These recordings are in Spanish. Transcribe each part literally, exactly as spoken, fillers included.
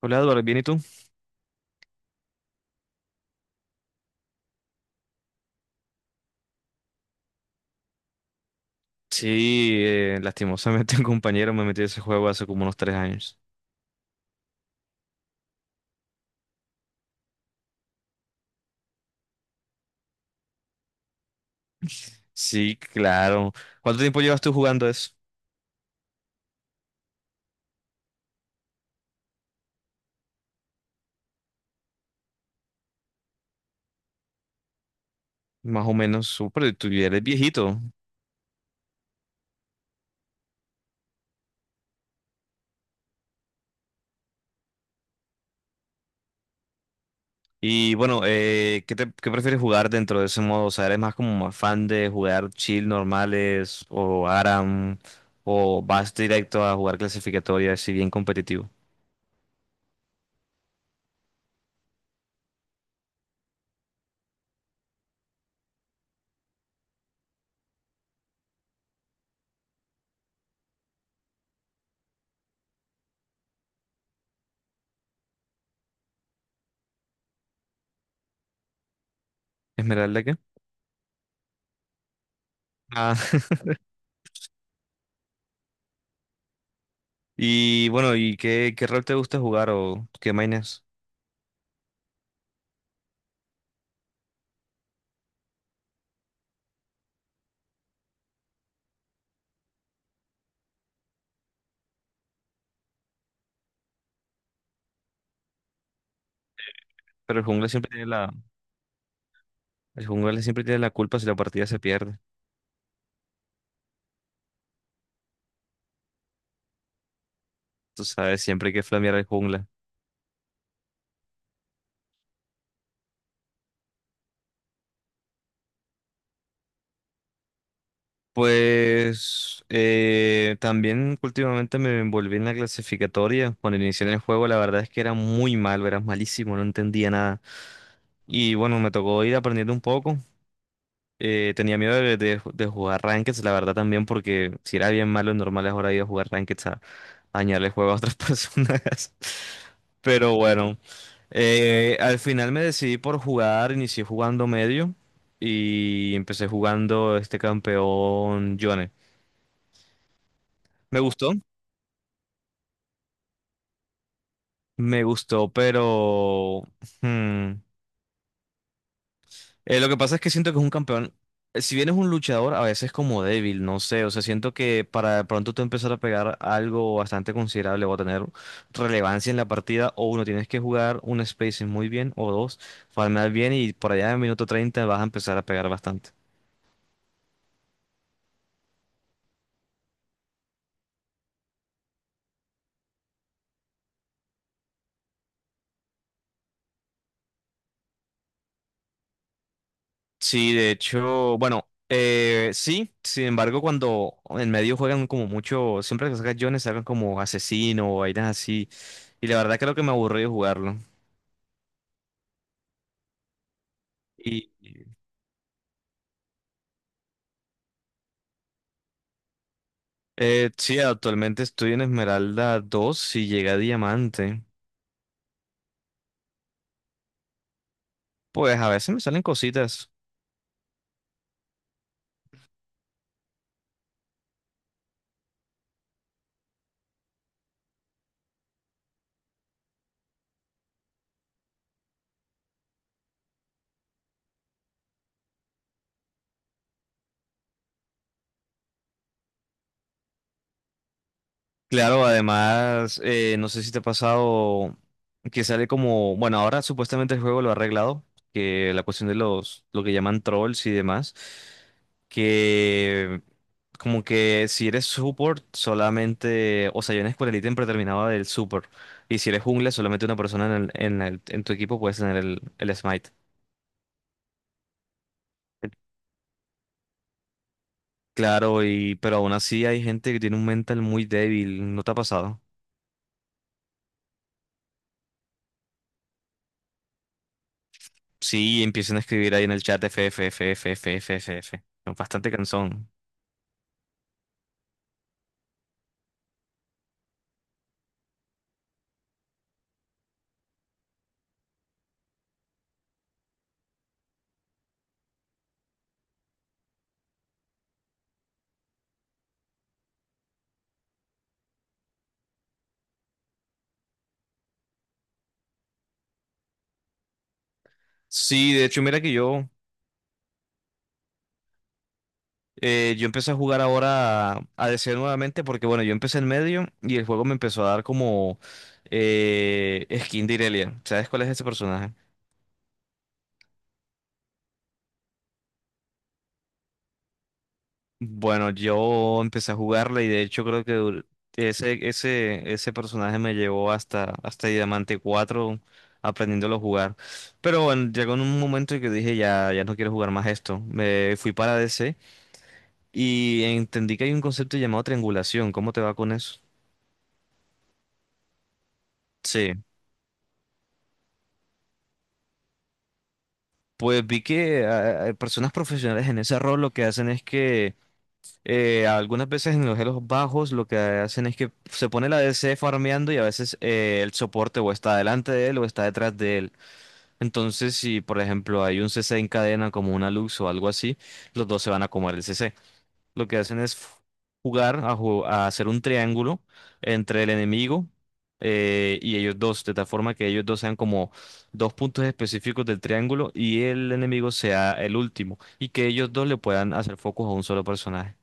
Hola Eduardo, ¿bien y tú? Sí, eh, lastimosamente un compañero me metió ese juego hace como unos tres años. Sí, claro. ¿Cuánto tiempo llevas tú jugando eso? Más o menos, súper, tú ya eres viejito. Y bueno, eh, ¿qué te- qué prefieres jugar dentro de ese modo? O sea, ¿eres más como más fan de jugar chill normales o ARAM o vas directo a jugar clasificatoria si bien competitivo? ¿Esmeralda qué? Ah, y bueno, ¿y qué, qué rol te gusta jugar o qué mainas? Pero el jungla siempre tiene la... El jungla siempre tiene la culpa si la partida se pierde. Tú sabes, siempre hay que flamear al jungla. Pues eh, también últimamente me envolví en la clasificatoria. Cuando inicié en el juego, la verdad es que era muy malo, era malísimo, no entendía nada. Y bueno, me tocó ir aprendiendo un poco. Eh, tenía miedo de, de- de jugar rankeds, la verdad también, porque si era bien malo en normales, ahora iba a jugar rankeds a, a dañarle el juego a otras personas. Pero bueno. Eh, al final me decidí por jugar, inicié jugando medio y empecé jugando este campeón Yone. Me gustó, me gustó, pero hmm, eh, lo que pasa es que siento que es un campeón, eh, si bien es un luchador, a veces como débil, no sé, o sea, siento que para de pronto tú empezar a pegar algo bastante considerable o a tener relevancia en la partida, o uno tienes que jugar un spacing muy bien, o dos, farmear bien y por allá en minuto treinta vas a empezar a pegar bastante. Sí, de hecho, bueno, eh, sí, sin embargo, cuando en medio juegan como mucho, siempre que sacan Jones sacan como asesino o vainas así, y la verdad creo que me aburrí de jugarlo. Y eh, sí, actualmente estoy en Esmeralda dos y llegué a Diamante. Pues a veces me salen cositas. Claro, además, eh, no sé si te ha pasado que sale como, bueno, ahora supuestamente el juego lo ha arreglado, que la cuestión de los, lo que llaman trolls y demás, que como que si eres support solamente, o sea, yo en Escuela Elite siempre terminaba del support, y si eres jungla solamente una persona en el- en el- en tu equipo puedes tener el, el smite. Claro, y pero aún así hay gente que tiene un mental muy débil, ¿no te ha pasado? Sí, empiecen a escribir ahí en el chat F, F, F, F, F, F, F, F. Es bastante cansón. Sí, de hecho, mira que yo, eh, yo empecé a jugar ahora a, ADC nuevamente porque, bueno, yo empecé en medio y el juego me empezó a dar como eh, skin de Irelia. ¿Sabes cuál es ese personaje? Bueno, yo empecé a jugarla y de hecho creo que dur- ese, ese, ese personaje me llevó hasta, hasta Diamante cuatro aprendiéndolo a jugar. Pero bueno, llegó en un momento en que dije ya, ya no quiero jugar más esto. Me fui para D C y entendí que hay un concepto llamado triangulación. ¿Cómo te va con eso? Sí. Pues vi que ah, ah, personas profesionales en ese rol lo que hacen es que Eh, algunas veces en los Elos bajos lo que hacen es que se pone la D C farmeando y a veces eh, el soporte o está delante de él o está detrás de él. Entonces, si por ejemplo hay un C C en cadena como una Lux o algo así, los dos se van a comer el C C. Lo que hacen es f- jugar a, ju- a hacer un triángulo entre el enemigo eh, y ellos dos, de tal forma que ellos dos sean como dos puntos específicos del triángulo y el enemigo sea el último y que ellos dos le puedan hacer focus a un solo personaje.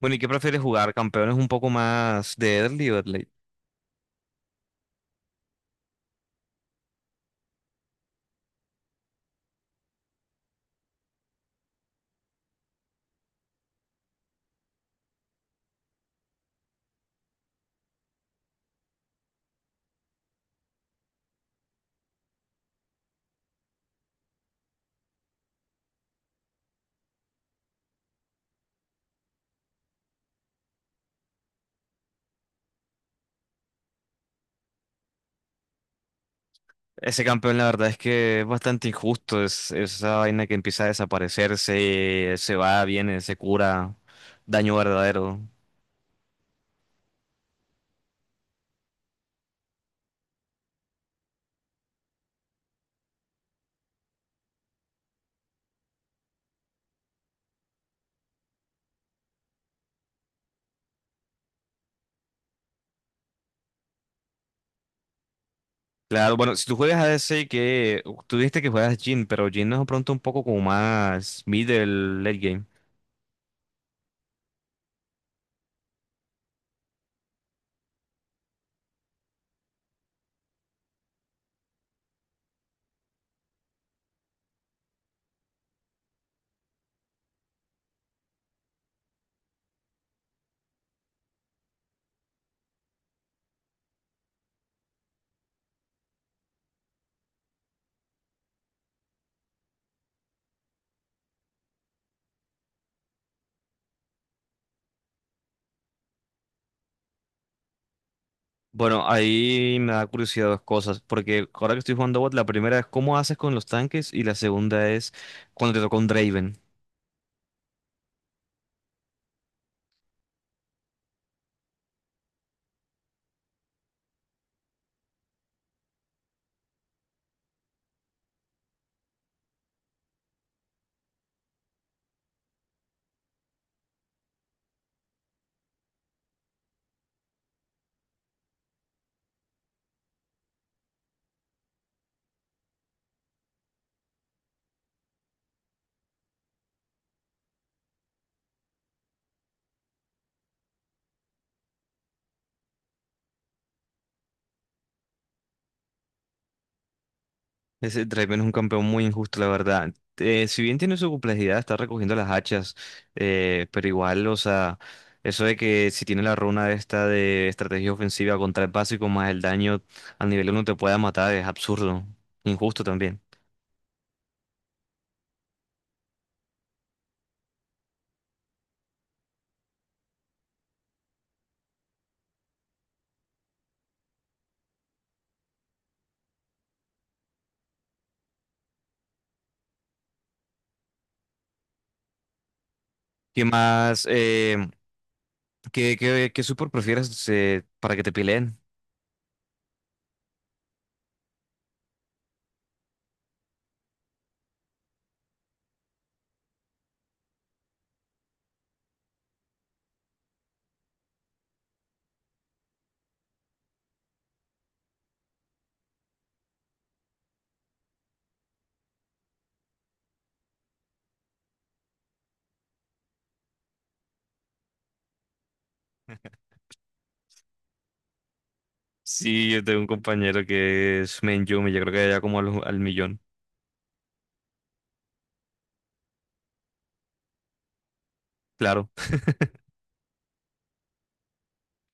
Bueno, ¿y qué prefieres jugar? ¿Campeones un poco más de early o de late? Ese campeón, la verdad es que es bastante injusto. Es, esa vaina que empieza a desaparecerse, se va, viene, se cura. Daño verdadero. Claro, bueno, si tú juegas a ADC, que tú dijiste que juegas Jhin, pero Jhin es de pronto un poco como más middle late game. Bueno, ahí me da curiosidad dos cosas, porque ahora que estoy jugando bot, la primera es cómo haces con los tanques y la segunda es cuando te toca un Draven. Ese Draven es un campeón muy injusto, la verdad. Eh, si bien tiene su complejidad, está recogiendo las hachas, eh, pero igual, o sea, eso de que si tiene la runa esta de estrategia ofensiva contra el básico más el daño al nivel uno te pueda matar es absurdo, injusto también. ¿Qué más? Eh, ¿qué, qué, qué support prefieres eh, para que te peleen? Sí, yo tengo un compañero que es main Yuumi, yo creo que ya como al, al millón. Claro,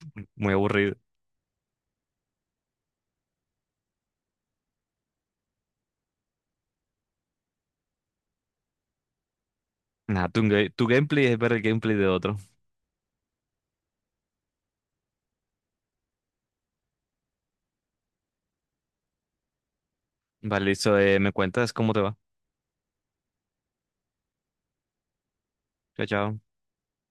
muy aburrido. Nada, tu, ga- tu gameplay es ver el gameplay de otro. Vale, listo, eh, me cuentas cómo te va. Chao, chao.